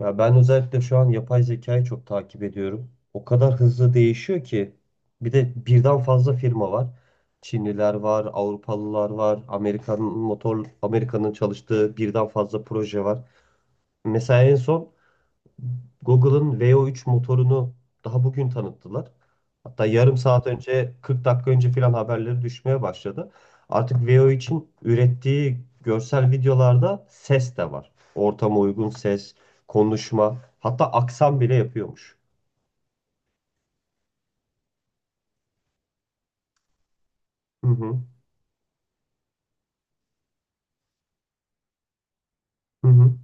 Ya ben özellikle şu an yapay zekayı çok takip ediyorum. O kadar hızlı değişiyor ki bir de birden fazla firma var. Çinliler var, Avrupalılar var, Amerika'nın çalıştığı birden fazla proje var. Mesela en son Google'ın VO3 motorunu daha bugün tanıttılar. Hatta yarım saat önce, 40 dakika önce filan haberleri düşmeye başladı. Artık vo için ürettiği görsel videolarda ses de var. Ortama uygun ses, konuşma, hatta aksan bile yapıyormuş. Hı hı. Hı hı.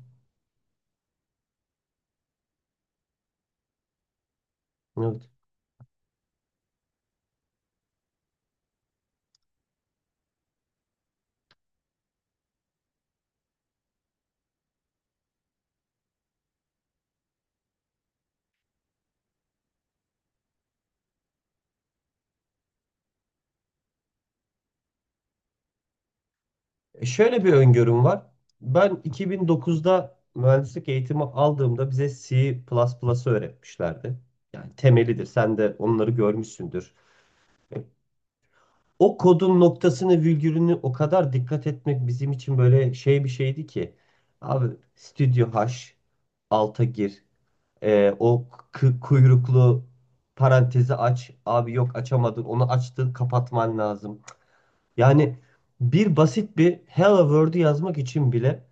Evet. Şöyle bir öngörüm var. Ben 2009'da mühendislik eğitimi aldığımda bize C++'ı öğretmişlerdi. Yani temelidir. Sen de onları görmüşsündür. E, O kodun noktasını, virgülünü o kadar dikkat etmek bizim için böyle şey bir şeydi ki. Abi Studio H alta gir. O kuyruklu parantezi aç. Abi yok açamadın. Onu açtın, kapatman lazım. Yani bir basit bir Hello World'u yazmak için bile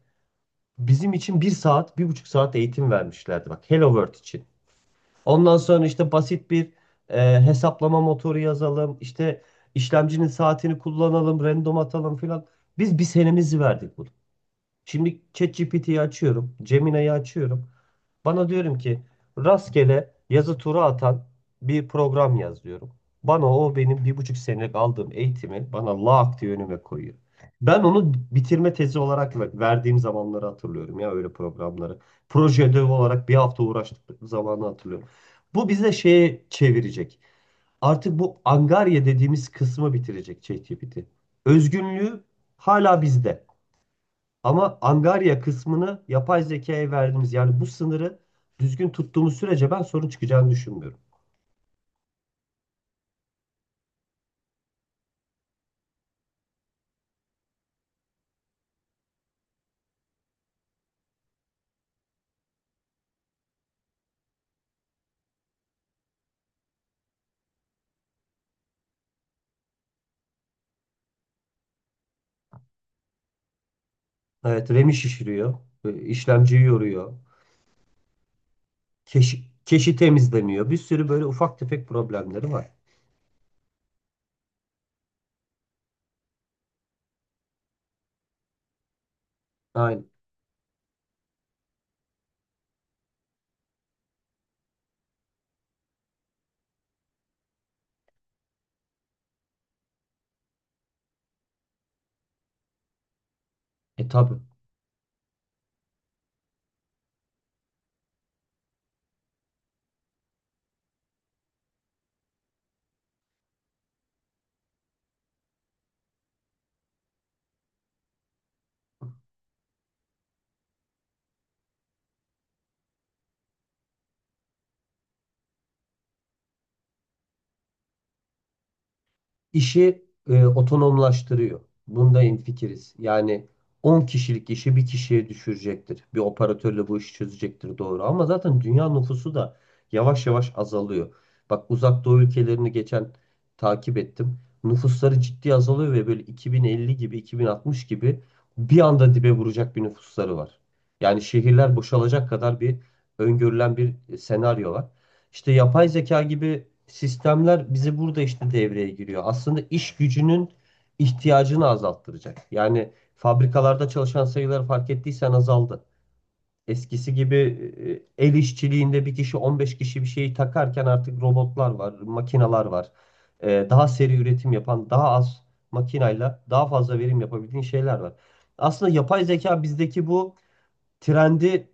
bizim için bir saat, bir buçuk saat eğitim vermişlerdi. Bak Hello World için. Ondan sonra işte basit bir hesaplama motoru yazalım. İşte işlemcinin saatini kullanalım, random atalım filan. Biz bir senemizi verdik bunu. Şimdi ChatGPT'yi açıyorum, Gemini'yi açıyorum. Bana diyorum ki rastgele yazı tura atan bir program yaz diyorum. Bana o benim bir buçuk senelik aldığım eğitimi bana lak diye önüme koyuyor. Ben onu bitirme tezi olarak verdiğim zamanları hatırlıyorum ya öyle programları. Proje ödevi olarak bir hafta uğraştık zamanı hatırlıyorum. Bu bize şeye çevirecek. Artık bu angarya dediğimiz kısmı bitirecek ChatGPT. Özgünlüğü hala bizde. Ama Angarya kısmını yapay zekaya verdiğimiz yani bu sınırı düzgün tuttuğumuz sürece ben sorun çıkacağını düşünmüyorum. Evet, RAM'i şişiriyor, işlemciyi yoruyor, keşi temizlemiyor. Bir sürü böyle ufak tefek problemleri var. Aynen. E tabi. İşi otonomlaştırıyor. Bunda hemfikiriz. Yani 10 kişilik işi bir kişiye düşürecektir. Bir operatörle bu işi çözecektir doğru. Ama zaten dünya nüfusu da yavaş yavaş azalıyor. Bak Uzak Doğu ülkelerini geçen takip ettim. Nüfusları ciddi azalıyor ve böyle 2050 gibi 2060 gibi bir anda dibe vuracak bir nüfusları var. Yani şehirler boşalacak kadar bir öngörülen bir senaryo var. İşte yapay zeka gibi sistemler bizi burada işte devreye giriyor. Aslında iş gücünün ihtiyacını azalttıracak. Yani fabrikalarda çalışan sayıları fark ettiysen azaldı. Eskisi gibi el işçiliğinde bir kişi 15 kişi bir şeyi takarken artık robotlar var, makineler var. Daha seri üretim yapan, daha az makinayla daha fazla verim yapabildiğin şeyler var. Aslında yapay zeka bizdeki bu trendi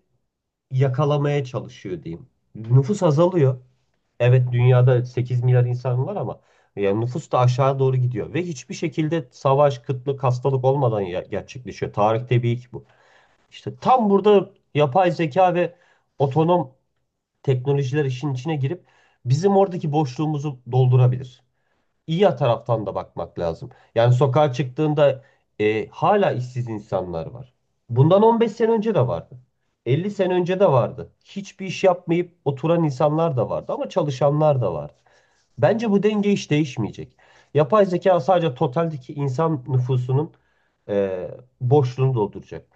yakalamaya çalışıyor diyeyim. Nüfus azalıyor. Evet, dünyada 8 milyar insan var ama yani nüfus da aşağı doğru gidiyor ve hiçbir şekilde savaş, kıtlık, hastalık olmadan gerçekleşiyor. Tarihte bir ilk bu. İşte tam burada yapay zeka ve otonom teknolojiler işin içine girip bizim oradaki boşluğumuzu doldurabilir. İyi taraftan da bakmak lazım. Yani sokağa çıktığında hala işsiz insanlar var. Bundan 15 sene önce de vardı. 50 sene önce de vardı. Hiçbir iş yapmayıp oturan insanlar da vardı ama çalışanlar da vardı. Bence bu denge hiç değişmeyecek. Yapay zeka sadece totaldeki insan nüfusunun e, boşluğunu dolduracak.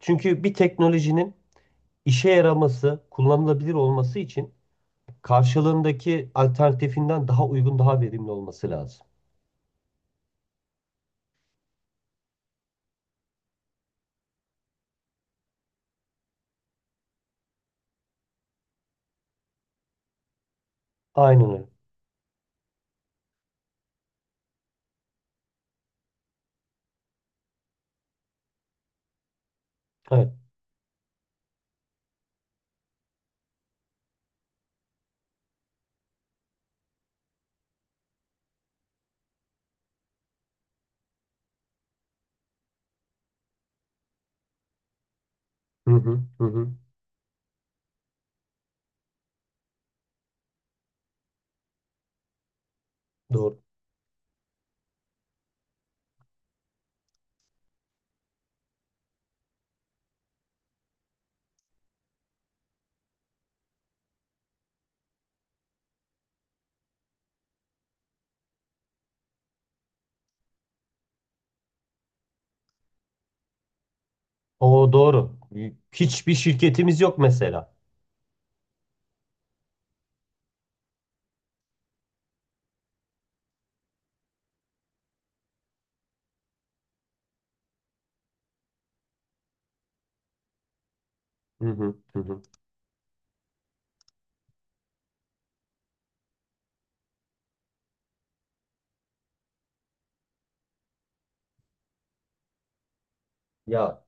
Çünkü bir teknolojinin işe yaraması, kullanılabilir olması için karşılığındaki alternatifinden daha uygun, daha verimli olması lazım. Aynen öyle. Evet. Hı hı, hı hı. Doğru. O doğru. Hiçbir şirketimiz yok mesela. Hı hı, hı hı. Ya,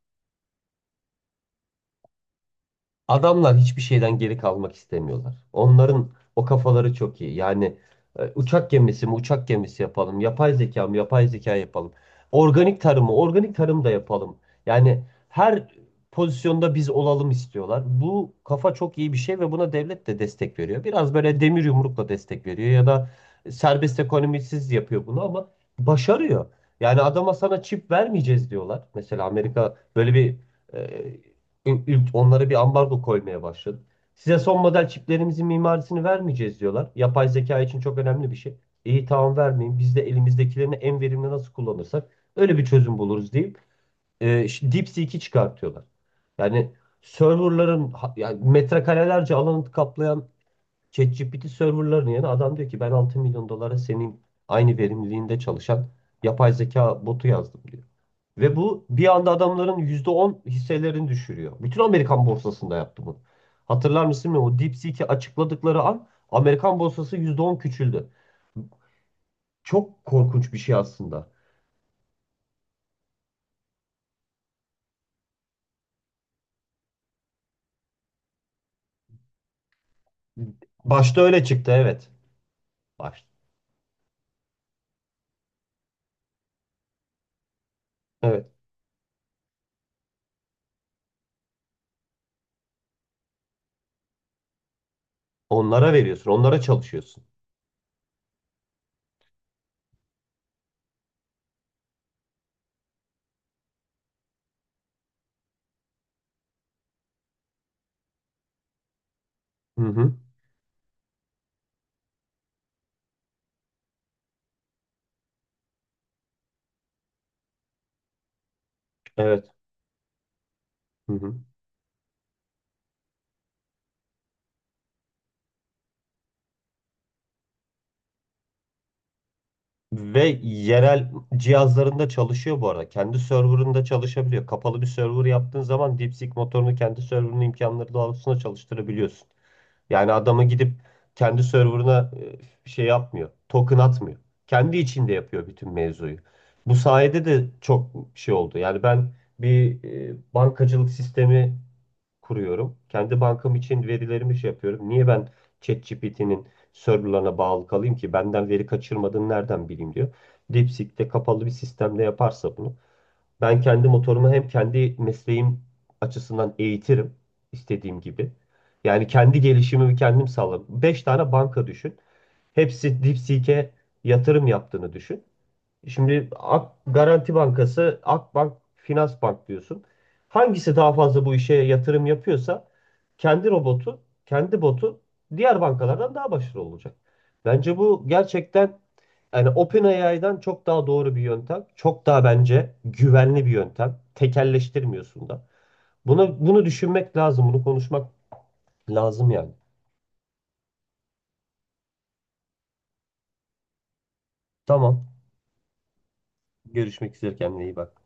adamlar hiçbir şeyden geri kalmak istemiyorlar. Onların o kafaları çok iyi. Yani uçak gemisi mi uçak gemisi yapalım, yapay zeka mı yapay zeka yapalım, organik tarımı organik tarım da yapalım. Yani her pozisyonda biz olalım istiyorlar. Bu kafa çok iyi bir şey ve buna devlet de destek veriyor. Biraz böyle demir yumrukla destek veriyor ya da serbest ekonomisiz yapıyor bunu ama başarıyor. Yani adama sana çip vermeyeceğiz diyorlar. Mesela Amerika böyle bir e, onlara bir ambargo koymaya başladı. Size son model çiplerimizin mimarisini vermeyeceğiz diyorlar. Yapay zeka için çok önemli bir şey. İyi tamam vermeyin. Biz de elimizdekilerini en verimli nasıl kullanırsak öyle bir çözüm buluruz deyip işte DeepSeek'i çıkartıyorlar. Yani yani metrekarelerce alanı kaplayan ChatGPT serverların yerine adam diyor ki ben 6 milyon dolara senin aynı verimliliğinde çalışan yapay zeka botu yazdım diyor. Ve bu bir anda adamların %10 hisselerini düşürüyor. Bütün Amerikan borsasında yaptı bunu. Hatırlar mısın bilmiyorum. O DeepSeek'i açıkladıkları an Amerikan borsası %10 küçüldü. Çok korkunç bir şey aslında. Başta öyle çıktı evet. Baş. Evet. Onlara veriyorsun, onlara çalışıyorsun. Hı hı. Evet. Hı hı. Ve yerel cihazlarında çalışıyor bu arada. Kendi serverında çalışabiliyor. Kapalı bir server yaptığın zaman DeepSeek motorunu kendi serverının imkanları doğrultusunda çalıştırabiliyorsun. Yani adama gidip kendi serverına şey yapmıyor. Token atmıyor. Kendi içinde yapıyor bütün mevzuyu. Bu sayede de çok şey oldu. Yani ben bir bankacılık sistemi kuruyorum. Kendi bankam için verilerimi şey yapıyorum. Niye ben ChatGPT'nin serverlarına bağlı kalayım ki benden veri kaçırmadığını nereden bileyim diyor. DeepSeek'te kapalı bir sistemde yaparsa bunu ben kendi motorumu hem kendi mesleğim açısından eğitirim istediğim gibi. Yani kendi gelişimimi kendim sağlarım. 5 tane banka düşün. Hepsi DeepSeek'e yatırım yaptığını düşün. Şimdi Ak Garanti Bankası, Akbank, Finansbank diyorsun. Hangisi daha fazla bu işe yatırım yapıyorsa kendi robotu, kendi botu diğer bankalardan daha başarılı olacak. Bence bu gerçekten yani OpenAI'dan çok daha doğru bir yöntem. Çok daha bence güvenli bir yöntem. Tekelleştirmiyorsun da. Bunu düşünmek lazım, bunu konuşmak lazım yani. Tamam. Görüşmek üzere kendine iyi bak.